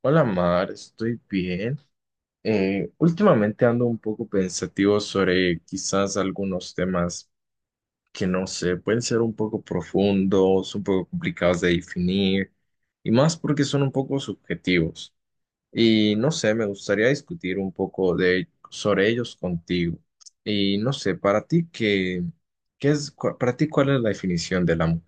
Hola Mar, estoy bien. Últimamente ando un poco pensativo sobre quizás algunos temas que no sé, pueden ser un poco profundos, un poco complicados de definir y más porque son un poco subjetivos. Y no sé, me gustaría discutir un poco sobre ellos contigo. Y no sé, para ti qué es, para ti ¿cuál es la definición del amor?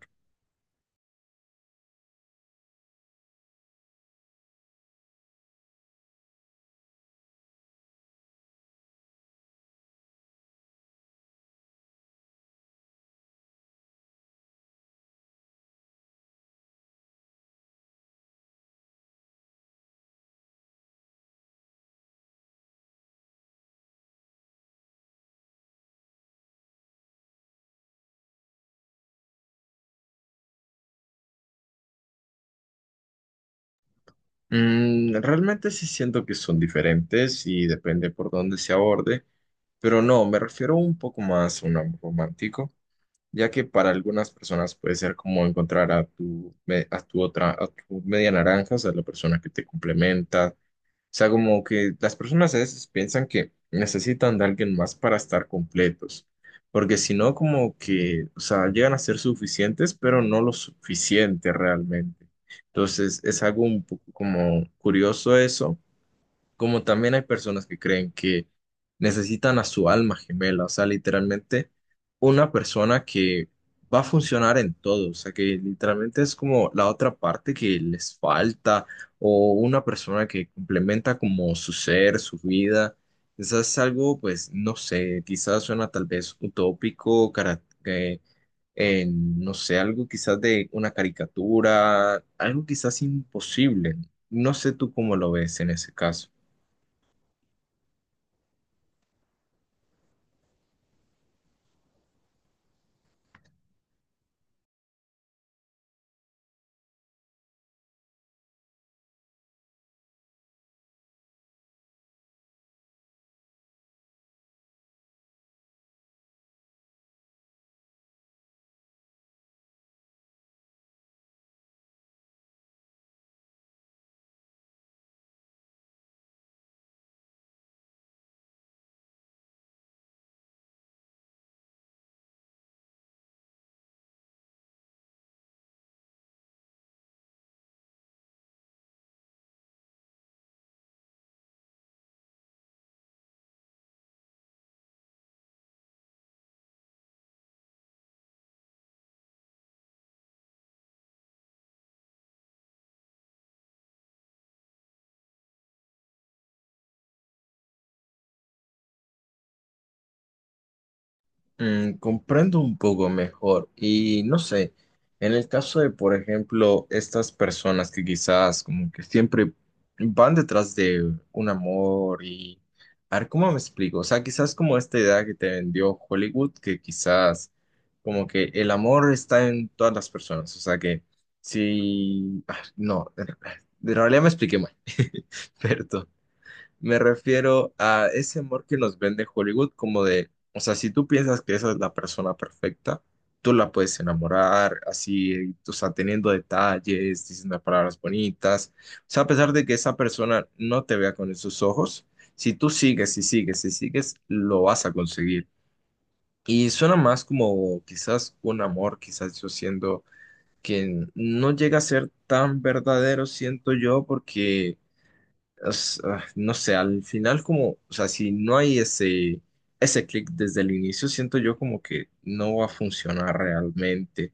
Mm, realmente sí siento que son diferentes y depende por dónde se aborde, pero no, me refiero un poco más a un amor romántico, ya que para algunas personas puede ser como encontrar a a tu a tu media naranja, o sea, la persona que te complementa, o sea, como que las personas a veces piensan que necesitan de alguien más para estar completos, porque si no, como que, o sea, llegan a ser suficientes, pero no lo suficiente realmente. Entonces, es algo un poco como curioso eso, como también hay personas que creen que necesitan a su alma gemela, o sea, literalmente una persona que va a funcionar en todo, o sea, que literalmente es como la otra parte que les falta o una persona que complementa como su ser, su vida. Quizás es algo, pues, no sé, quizás suena tal vez utópico, que, no sé, algo quizás de una caricatura, algo quizás imposible. No sé tú cómo lo ves en ese caso. Mm, comprendo un poco mejor y no sé, en el caso de, por ejemplo, estas personas que quizás como que siempre van detrás de un amor y, a ver, ¿cómo me explico? O sea, quizás como esta idea que te vendió Hollywood, que quizás como que el amor está en todas las personas, o sea que si, ah, no, de realidad me expliqué mal, perdón. Me refiero a ese amor que nos vende Hollywood, como de, o sea, si tú piensas que esa es la persona perfecta, tú la puedes enamorar, así, o sea, teniendo detalles, diciendo palabras bonitas. O sea, a pesar de que esa persona no te vea con esos ojos, si tú sigues y sigues y sigues, lo vas a conseguir. Y suena más como quizás un amor, quizás yo siendo que no llega a ser tan verdadero, siento yo, porque es, no sé, al final como, o sea, si no hay ese clic desde el inicio, siento yo como que no va a funcionar realmente.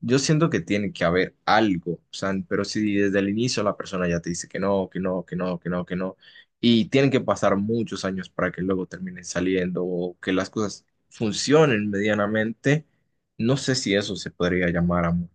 Yo siento que tiene que haber algo, o sea, pero si desde el inicio la persona ya te dice que no, que no, que no, que no, que no, y tienen que pasar muchos años para que luego terminen saliendo o que las cosas funcionen medianamente, no sé si eso se podría llamar amor.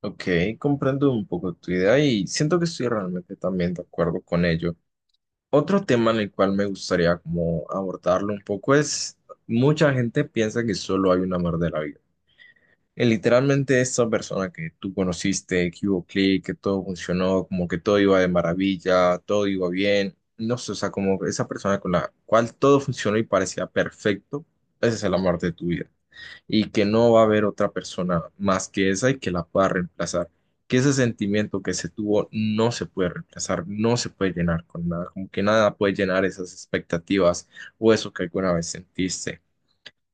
Ok, comprendo un poco tu idea y siento que estoy realmente también de acuerdo con ello. Otro tema en el cual me gustaría como abordarlo un poco es, mucha gente piensa que solo hay un amor de la vida. Literalmente esa persona que tú conociste, que hubo clic, que todo funcionó, como que todo iba de maravilla, todo iba bien, no sé, o sea, como esa persona con la cual todo funcionó y parecía perfecto, ese es el amor de tu vida y que no va a haber otra persona más que esa y que la pueda reemplazar. Que ese sentimiento que se tuvo no se puede reemplazar, no se puede llenar con nada, como que nada puede llenar esas expectativas o eso que alguna vez sentiste.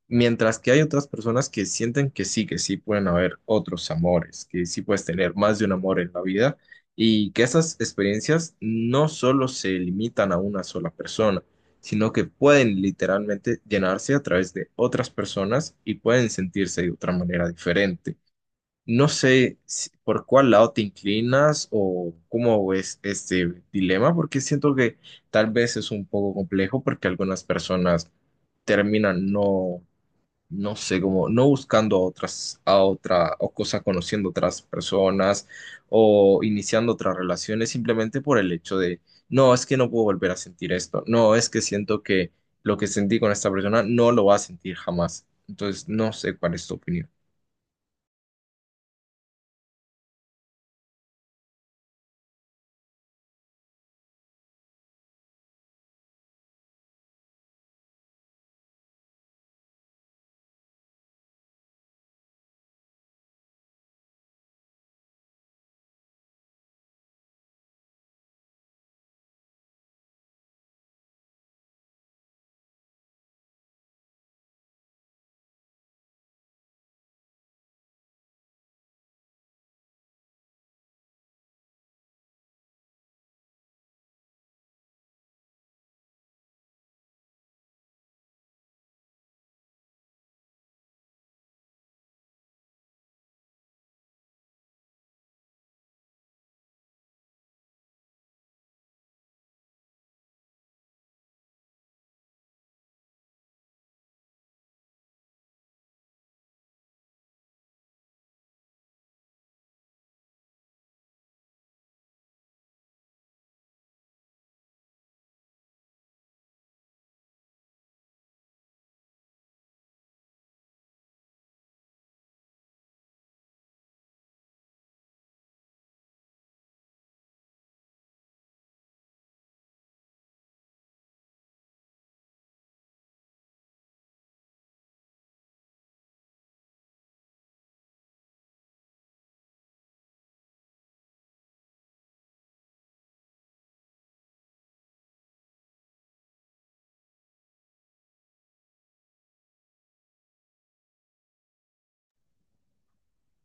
Mientras que hay otras personas que sienten que sí pueden haber otros amores, que sí puedes tener más de un amor en la vida y que esas experiencias no solo se limitan a una sola persona, sino que pueden literalmente llenarse a través de otras personas y pueden sentirse de otra manera diferente. No sé si- ¿Por cuál lado te inclinas o cómo ves este dilema? Porque siento que tal vez es un poco complejo porque algunas personas terminan no sé, como no buscando a a otra, o cosas conociendo otras personas o iniciando otras relaciones simplemente por el hecho de, no, es que no puedo volver a sentir esto, no, es que siento que lo que sentí con esta persona no lo va a sentir jamás. Entonces, no sé cuál es tu opinión.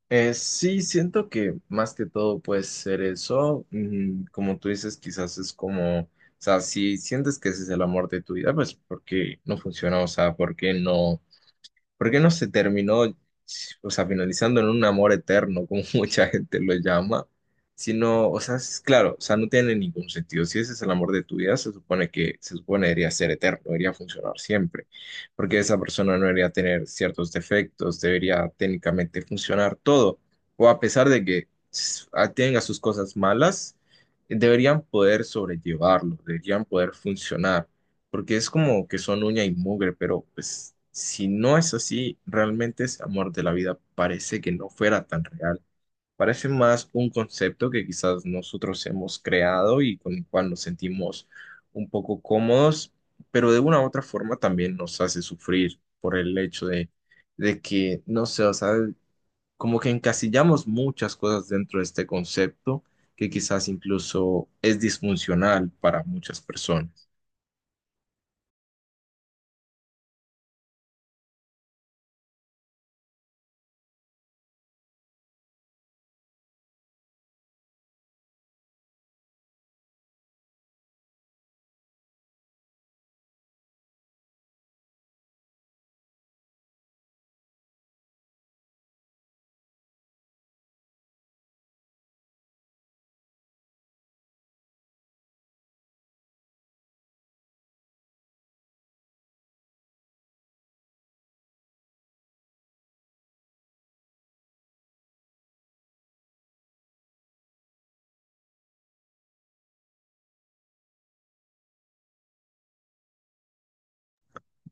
Sí, siento que más que todo puede ser eso. Mm, como tú dices, quizás es como, o sea, si sientes que ese es el amor de tu vida, pues ¿por qué no funciona? O sea, ¿por qué no? ¿Por qué no se terminó, o sea, finalizando en un amor eterno, como mucha gente lo llama? Sino, o sea, es claro, o sea, no tiene ningún sentido. Si ese es el amor de tu vida, se supone se supone debería ser eterno, debería funcionar siempre, porque esa persona no debería tener ciertos defectos, debería técnicamente funcionar todo, o a pesar de que tenga sus cosas malas, deberían poder sobrellevarlo, deberían poder funcionar porque es como que son uña y mugre, pero pues si no es así, realmente ese amor de la vida parece que no fuera tan real. Parece más un concepto que quizás nosotros hemos creado y con el cual nos sentimos un poco cómodos, pero de una u otra forma también nos hace sufrir por el hecho de que, no sé, o sea, como que encasillamos muchas cosas dentro de este concepto que quizás incluso es disfuncional para muchas personas.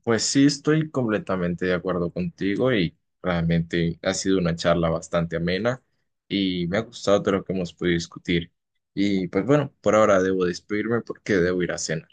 Pues sí, estoy completamente de acuerdo contigo y realmente ha sido una charla bastante amena y me ha gustado todo lo que hemos podido discutir. Y pues bueno, por ahora debo despedirme porque debo ir a cenar.